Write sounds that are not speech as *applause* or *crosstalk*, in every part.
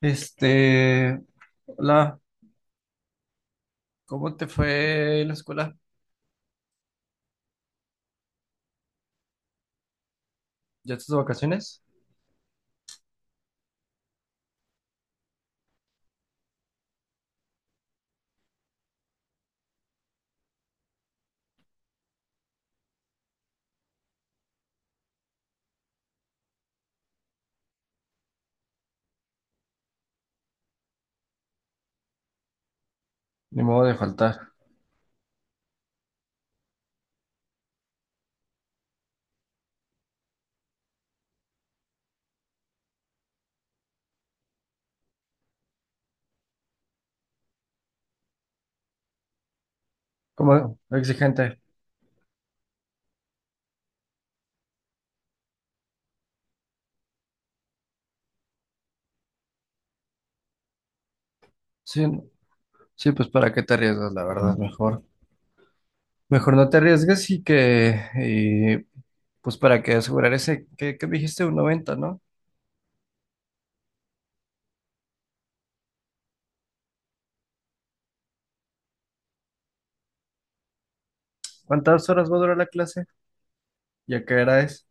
Este, Hola, ¿cómo te fue en la escuela? ¿Ya estás de vacaciones? Ni modo de faltar. ¿Cómo? Exigente. Sí, sí, pues para qué te arriesgas, la verdad, mejor. Mejor no te arriesgues y que, pues para que asegurar ese, que dijiste un 90, ¿no? ¿Cuántas horas va a durar la clase? ¿Y a qué hora es?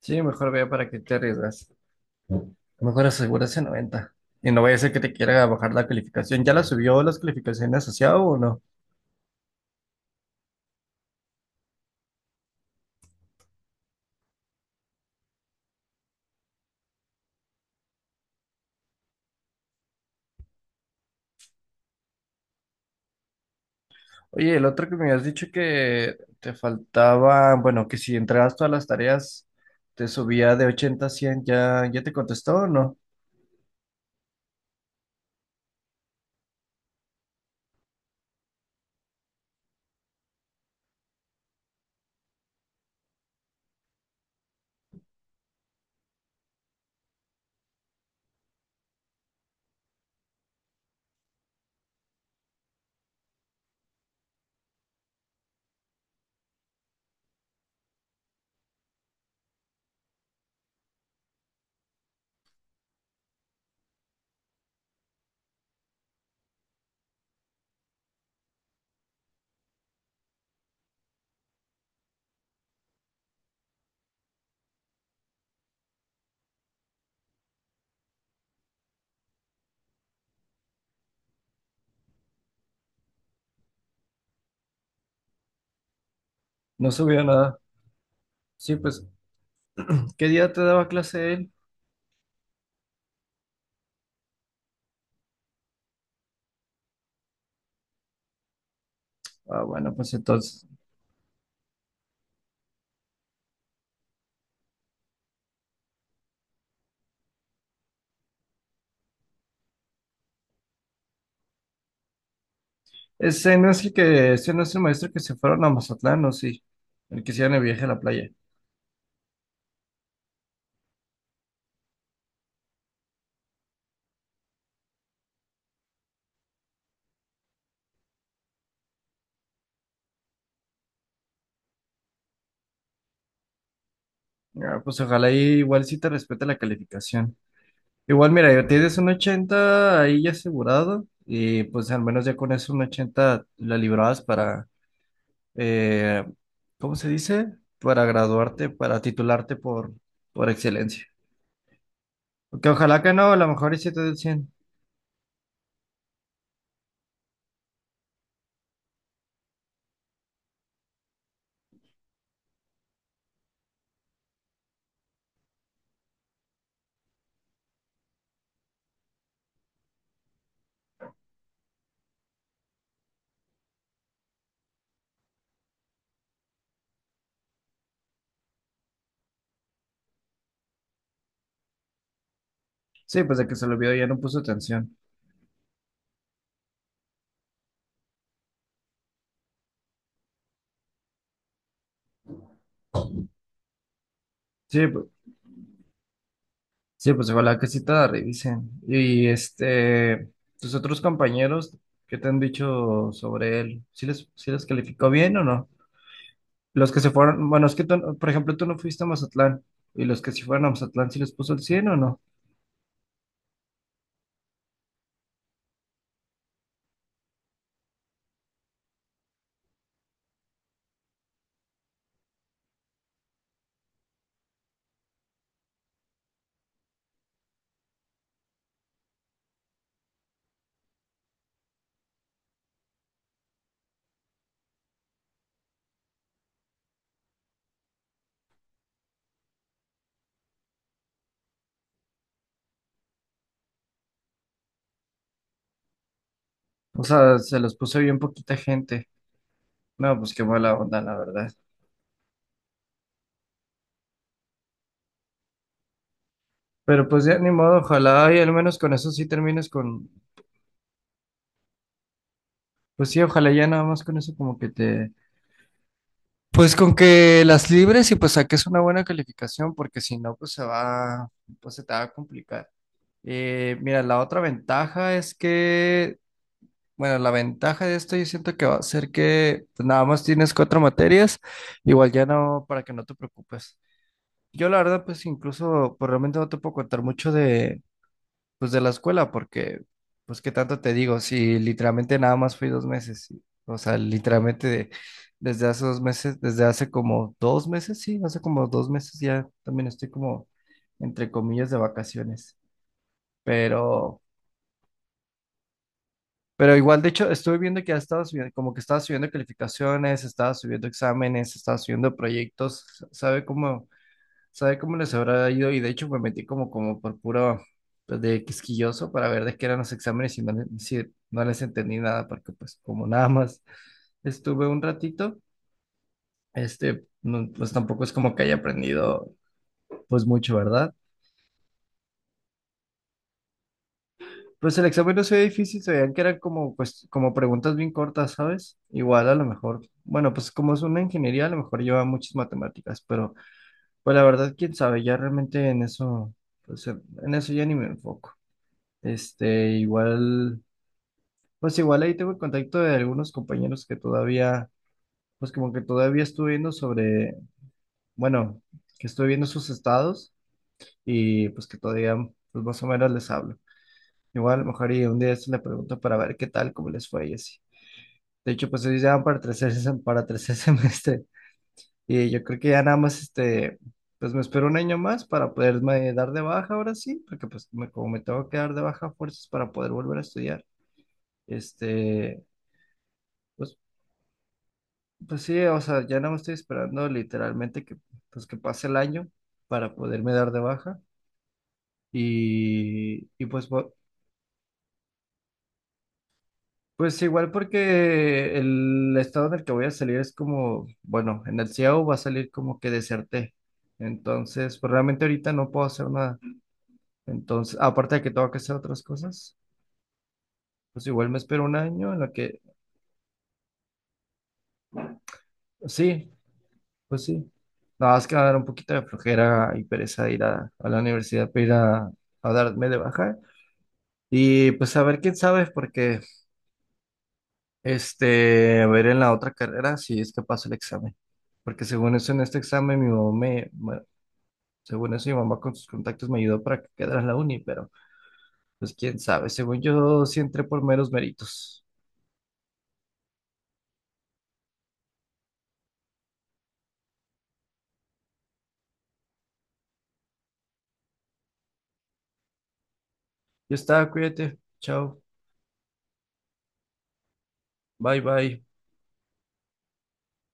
Sí, mejor vea para qué te arriesgas. Mejor asegura ese 90. Y no vaya a ser que te quiera bajar la calificación. ¿Ya la subió las calificaciones asociado o no? Oye, el otro que me habías dicho que te faltaba, bueno, que si entregabas todas las tareas, te subía de 80 a 100. ¿Ya, ya te contestó o no? No subía nada. Sí, pues, ¿qué día te daba clase él? Ah, bueno, pues entonces, ese no es el maestro que se fueron a Mazatlán, ¿o sí? El que hicieron el viaje a la playa. Ah, pues ojalá ahí igual sí te respete la calificación. Igual, mira, ya tienes un 80 ahí ya asegurado, y pues al menos ya con eso un 80 la librabas para eh, ¿cómo se dice? Para graduarte, para titularte por excelencia. Que ojalá que no, a lo mejor y sí te del 100. Sí, pues de que se lo vio ya no puso atención. Sí, sí, pues ojalá que sí te la revisen. Y este, tus otros compañeros, ¿qué te han dicho sobre él? ¿Sí les calificó bien o no? Los que se fueron, bueno, es que tú, por ejemplo, tú no fuiste a Mazatlán. Y los que sí fueron a Mazatlán, ¿sí les puso el 100 o no? O sea, se los puso bien poquita gente. No, pues qué mala onda, la verdad. Pero pues ya ni modo, ojalá y al menos con eso sí termines con, pues sí, ojalá ya nada más con eso como que te, pues con que las libres y pues saques una buena calificación, porque si no, pues se te va a complicar. Mira, la otra ventaja es que, bueno, la ventaja de esto yo siento que va a ser que pues, nada más tienes cuatro materias, igual ya no, para que no te preocupes. Yo la verdad, pues incluso, pues realmente no te puedo contar mucho pues de la escuela, porque, pues qué tanto te digo, si literalmente nada más fui 2 meses, sí. O sea, literalmente desde hace 2 meses, desde hace como 2 meses, sí, hace como dos meses ya también estoy como, entre comillas, de vacaciones, pero... Pero igual, de hecho, estuve viendo que ha estado subiendo, como que estaba subiendo calificaciones, estaba subiendo exámenes, estaba subiendo proyectos, ¿sabe cómo? ¿Sabe cómo les habrá ido. Y de hecho me metí como, por puro pues, de quisquilloso para ver de qué eran los exámenes y no, sí, no les entendí nada porque pues como nada más estuve un ratito, este, no, pues tampoco es como que haya aprendido pues mucho, ¿verdad? Pues el examen no se veía difícil, se veían que eran como, pues, como preguntas bien cortas, ¿sabes? Igual a lo mejor, bueno, pues como es una ingeniería, a lo mejor lleva muchas matemáticas, pero pues la verdad, quién sabe, ya realmente en eso, pues en eso ya ni me enfoco. Este, igual, pues igual ahí tengo el contacto de algunos compañeros que todavía, pues como que todavía estuve viendo sobre, bueno, que estoy viendo sus estados y pues que todavía, pues más o menos les hablo. Igual, a lo mejor y un día se le pregunto para ver qué tal, cómo les fue y así. De hecho, pues ellos ya van *laughs* para tercer *laughs* semestre y yo creo que ya nada más, este, pues me espero un año más para poderme dar de baja ahora sí, porque pues como me tengo que dar de baja a fuerzas para poder volver a estudiar, este... Pues Pues sí, o sea, ya no me estoy esperando literalmente que, pues, que pase el año para poderme dar de baja. Y pues, pues igual porque el estado en el que voy a salir es como, bueno, en el CIAO va a salir como que deserté. Entonces, pues realmente ahorita no puedo hacer nada. Entonces, aparte de que tengo que hacer otras cosas, pues igual me espero un año en lo que, sí, pues sí. Nada más que va a dar un poquito de flojera y pereza ir a la universidad para ir a darme de baja. Y pues a ver quién sabe, porque este, a ver en la otra carrera si es que paso el examen. Porque según eso, en este examen, bueno, según eso, mi mamá con sus contactos me ayudó para que quedara en la uni, pero pues quién sabe. Según yo, sí entré por meros méritos. Ya está, cuídate. Chao. Bye, bye.